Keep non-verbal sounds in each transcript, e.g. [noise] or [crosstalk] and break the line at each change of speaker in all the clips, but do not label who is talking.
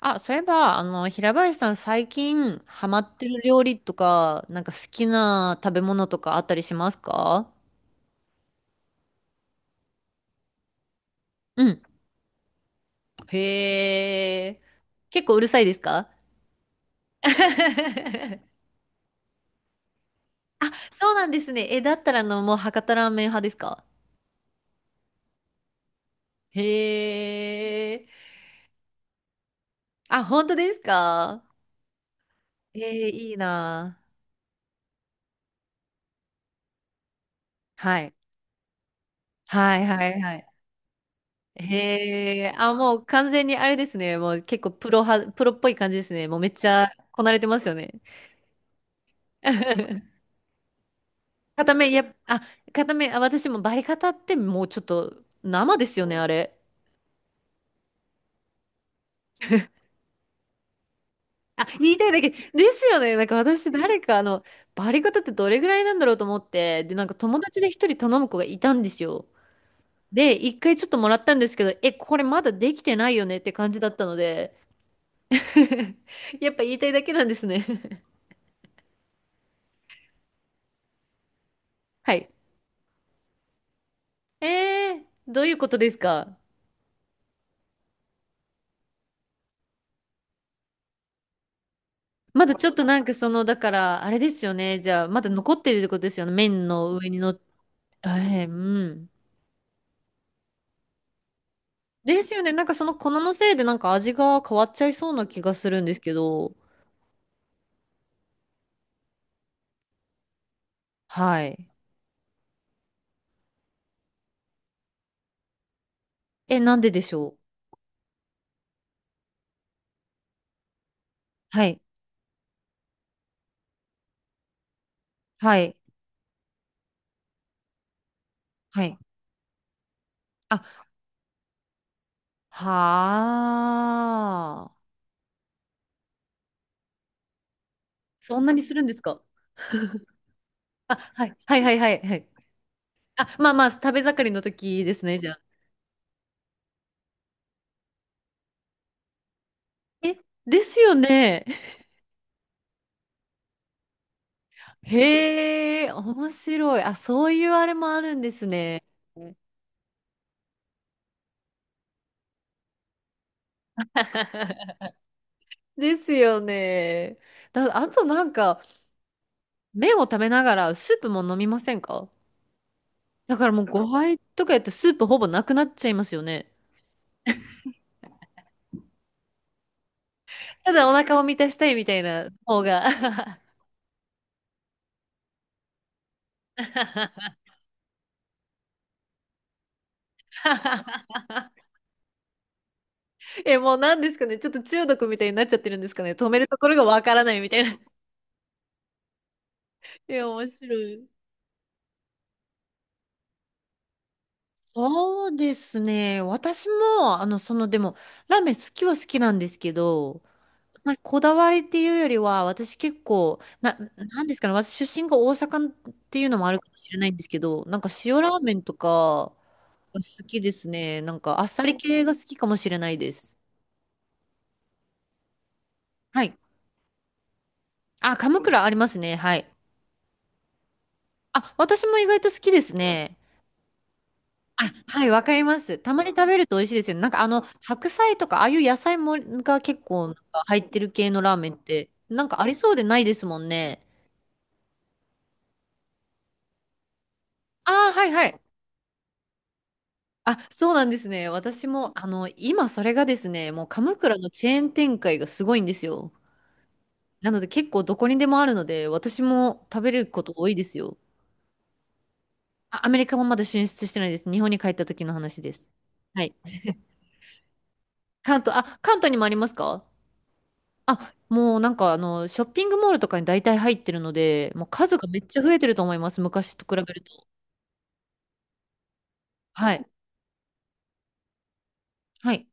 あ、そういえば、平林さん最近ハマってる料理とか、なんか好きな食べ物とかあったりしますか？うん。へえ。結構うるさいですか？ [laughs] あ、そうなんですね。え、だったらもう博多ラーメン派ですか？へえ。あ、本当ですか？えー、いいなぁ。はい。はいはいはい。へえ。あ、もう完全にあれですね。もう結構プロ派、プロっぽい感じですね。もうめっちゃこなれてますよね。[laughs] 片目、やっ、あ、片目、あ、私もバリカタってもうちょっと生ですよね、あれ。あ、言いたいだけ。ですよね。なんか私、誰か、バリカタってどれぐらいなんだろうと思って、で、なんか友達で一人頼む子がいたんですよ。で、一回ちょっともらったんですけど、え、これまだできてないよねって感じだったので、[laughs] やっぱ言いたいだけなんですね。[laughs] はい。えー、どういうことですか？まだちょっとなんかその、だから、あれですよね。じゃあ、まだ残ってるってことですよね。麺の上に乗っええ、うん。ですよね。なんかその粉のせいでなんか味が変わっちゃいそうな気がするんですけど。はい。え、なんででしょう？はい。はい。はい。あ、はあ。そんなにするんですか？あ、はい。はいはいはいはい。あ、まあまあ、食べ盛りの時ですね、じゃあ。え、ですよね。[laughs] へえ、面白い。あ、そういうあれもあるんですね。[laughs] ですよね。だ、あとなんか、麺を食べながらスープも飲みませんか？だからもうご飯とかやってスープほぼなくなっちゃいますよね。ただお腹を満たしたいみたいな方が。[laughs] え、もうなんですかね。ちょっと中毒みたいになっちゃってるんですかね。止めるところがわからないみたいな。[laughs] え、面白い。そうですね。私も、でも、ラーメン好きは好きなんですけど、まあ、こだわりっていうよりは、私結構、な、なんですかね、私出身が大阪っていうのもあるかもしれないんですけど、なんか塩ラーメンとかが好きですね。なんかあっさり系が好きかもしれないです。はい。あ、鎌倉ありますね。はい。あ、私も意外と好きですね。あ、はい、わかります。たまに食べると美味しいですよね。なんか白菜とか、ああいう野菜もが結構なんか入ってる系のラーメンって、なんかありそうでないですもんね。ああ、はいはい。あ、そうなんですね。私も、今それがですね、もう鎌倉のチェーン展開がすごいんですよ。なので結構どこにでもあるので、私も食べること多いですよ。あ、アメリカもまだ進出してないです。日本に帰った時の話です。はい。関東、あ、関東にもありますか？あ、もうなんかショッピングモールとかに大体入ってるので、もう数がめっちゃ増えてると思います。昔と比べると。はい。はい。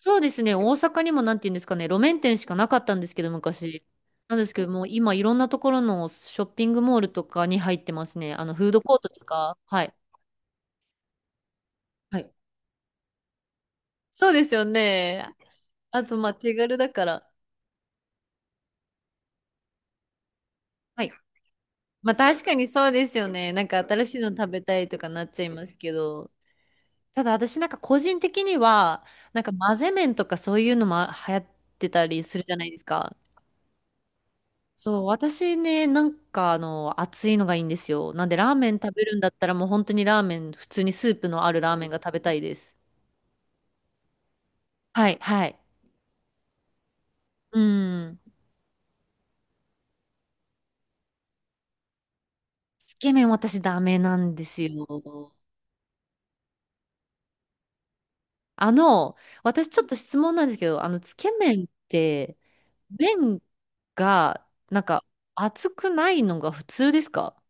そうですね、大阪にもなんて言うんですかね、路面店しかなかったんですけど、昔。なんですけど、もう今、いろんなところのショッピングモールとかに入ってますね。フードコートですか？はい。はい。そうですよね。あと、まあ、手軽だから。はい。まあ、確かにそうですよね。なんか新しいの食べたいとかなっちゃいますけど。ただ、私なんか個人的には、なんか混ぜ麺とかそういうのも流行ってたりするじゃないですか。そう、私ね、なんか熱いのがいいんですよ。なんで、ラーメン食べるんだったらもう本当にラーメン、普通にスープのあるラーメンが食べたいです。はい、はい。うん。つけ麺私ダメなんですよ。あの、私ちょっと質問なんですけど、つけ麺って、麺が、なんか、熱くないのが普通ですか？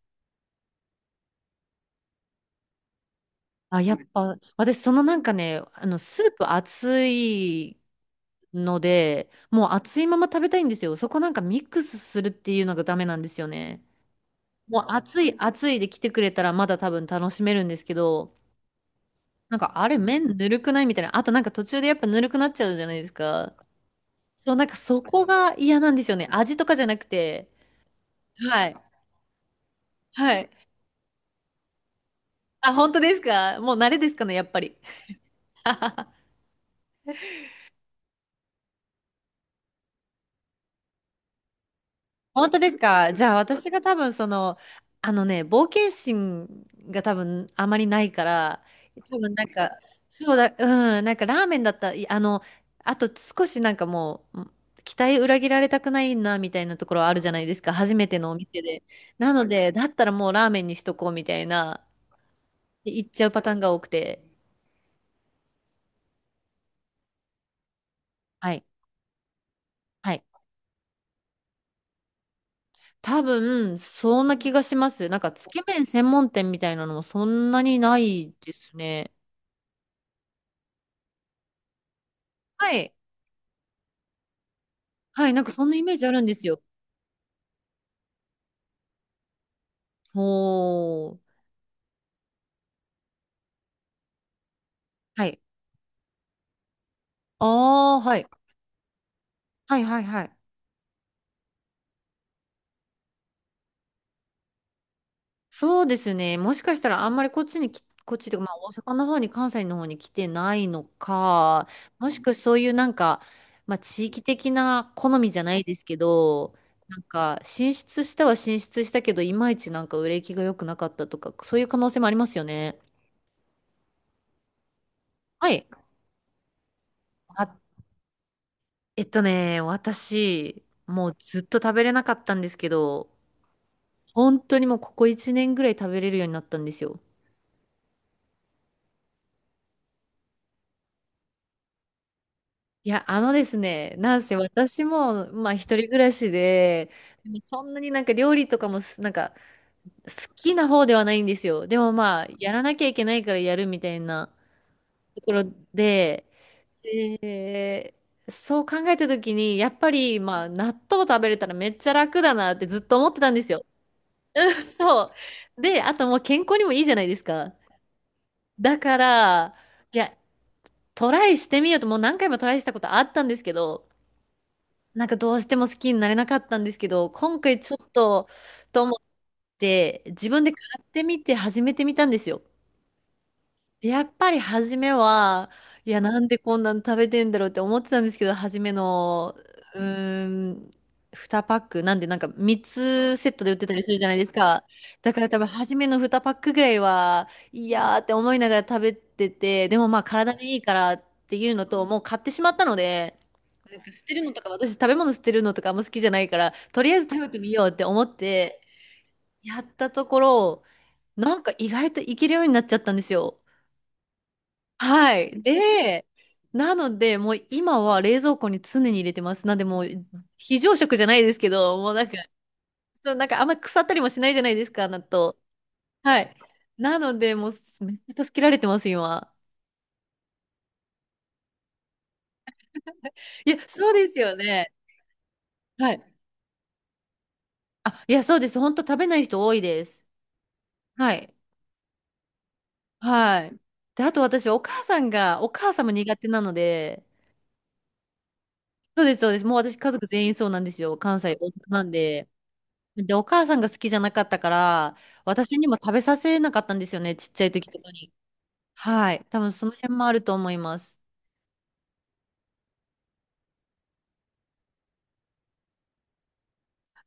あ、やっぱ、私そのなんかね、スープ熱いので、もう熱いまま食べたいんですよ。そこなんかミックスするっていうのがダメなんですよね。もう熱い熱いで来てくれたらまだ多分楽しめるんですけど、なんかあれ麺ぬるくないみたいな。あとなんか途中でやっぱぬるくなっちゃうじゃないですか。そう、なんかそこが嫌なんですよね。味とかじゃなくて。はい。はい。あ、本当ですか？もう慣れですかね、やっぱり。[laughs] 本当ですか？じゃあ私が多分その、あのね、冒険心が多分あまりないから、多分なんか、そうだ、うん、なんかラーメンだった、いあの、あと少しなんかもう、ん期待裏切られたくないなみたいなところあるじゃないですか、初めてのお店で。なので、だったらもうラーメンにしとこうみたいな、で行っちゃうパターンが多くて。はい。はい。多分、そんな気がします。なんか、つけ麺専門店みたいなのもそんなにないですね。はいはい、なんかそんなイメージあるんですよ。ほー。はい。ああ、はい。はいはいはい。そうですね。もしかしたらあんまりこっちにき、こっちというか、まあ大阪の方に関西の方に来てないのか、もしくはそういうなんか、まあ地域的な好みじゃないですけど、なんか進出したは進出したけど、いまいちなんか売れ行きが良くなかったとか、そういう可能性もありますよね。はい。あ、えっとね、私、もうずっと食べれなかったんですけど、本当にもうここ1年ぐらい食べれるようになったんですよ。いや、あのですね、なんせ私も、まあ一人暮らしで、でもそんなになんか料理とかもす、なんか好きな方ではないんですよ。でもまあ、やらなきゃいけないからやるみたいなところで、えーそう考えた時に、やっぱりまあ納豆食べれたらめっちゃ楽だなってずっと思ってたんですよ。[laughs] そう。で、あともう健康にもいいじゃないですか。だから、いや、トライしてみようと、もう何回もトライしたことあったんですけど、なんかどうしても好きになれなかったんですけど、今回ちょっと、と思って、自分で買ってみて始めてみたんですよ。やっぱり初めは、いや、なんでこんなの食べてんだろうって思ってたんですけど、初めの、うん。ーん、2パック、なんでなんか3つセットで売ってたりするじゃないですか。だから多分初めの2パックぐらいは、いやーって思いながら食べてて、でもまあ体にいいからっていうのと、もう買ってしまったので、なんか捨てるのとか、私食べ物捨てるのとかあんま好きじゃないから、とりあえず食べてみようって思って、やったところ、なんか意外といけるようになっちゃったんですよ。はい。で、なので、もう今は冷蔵庫に常に入れてます。なんで、もう非常食じゃないですけど、もうなんか、そう、なんかあんまり腐ったりもしないじゃないですか、納豆。はい。なので、もうめっちゃ助けられてます、今。いや、そうですよね。はい。あ、いや、そうです。本当食べない人多いです。はい。はい。で、あと私、お母さんが、お母さんも苦手なので、そうです、そうです。もう私、家族全員そうなんですよ。関西、大阪なんで。で、お母さんが好きじゃなかったから、私にも食べさせなかったんですよね、ちっちゃい時とかに。はい。多分その辺もあると思います。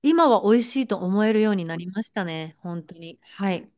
今は美味しいと思えるようになりましたね、本当に。はい。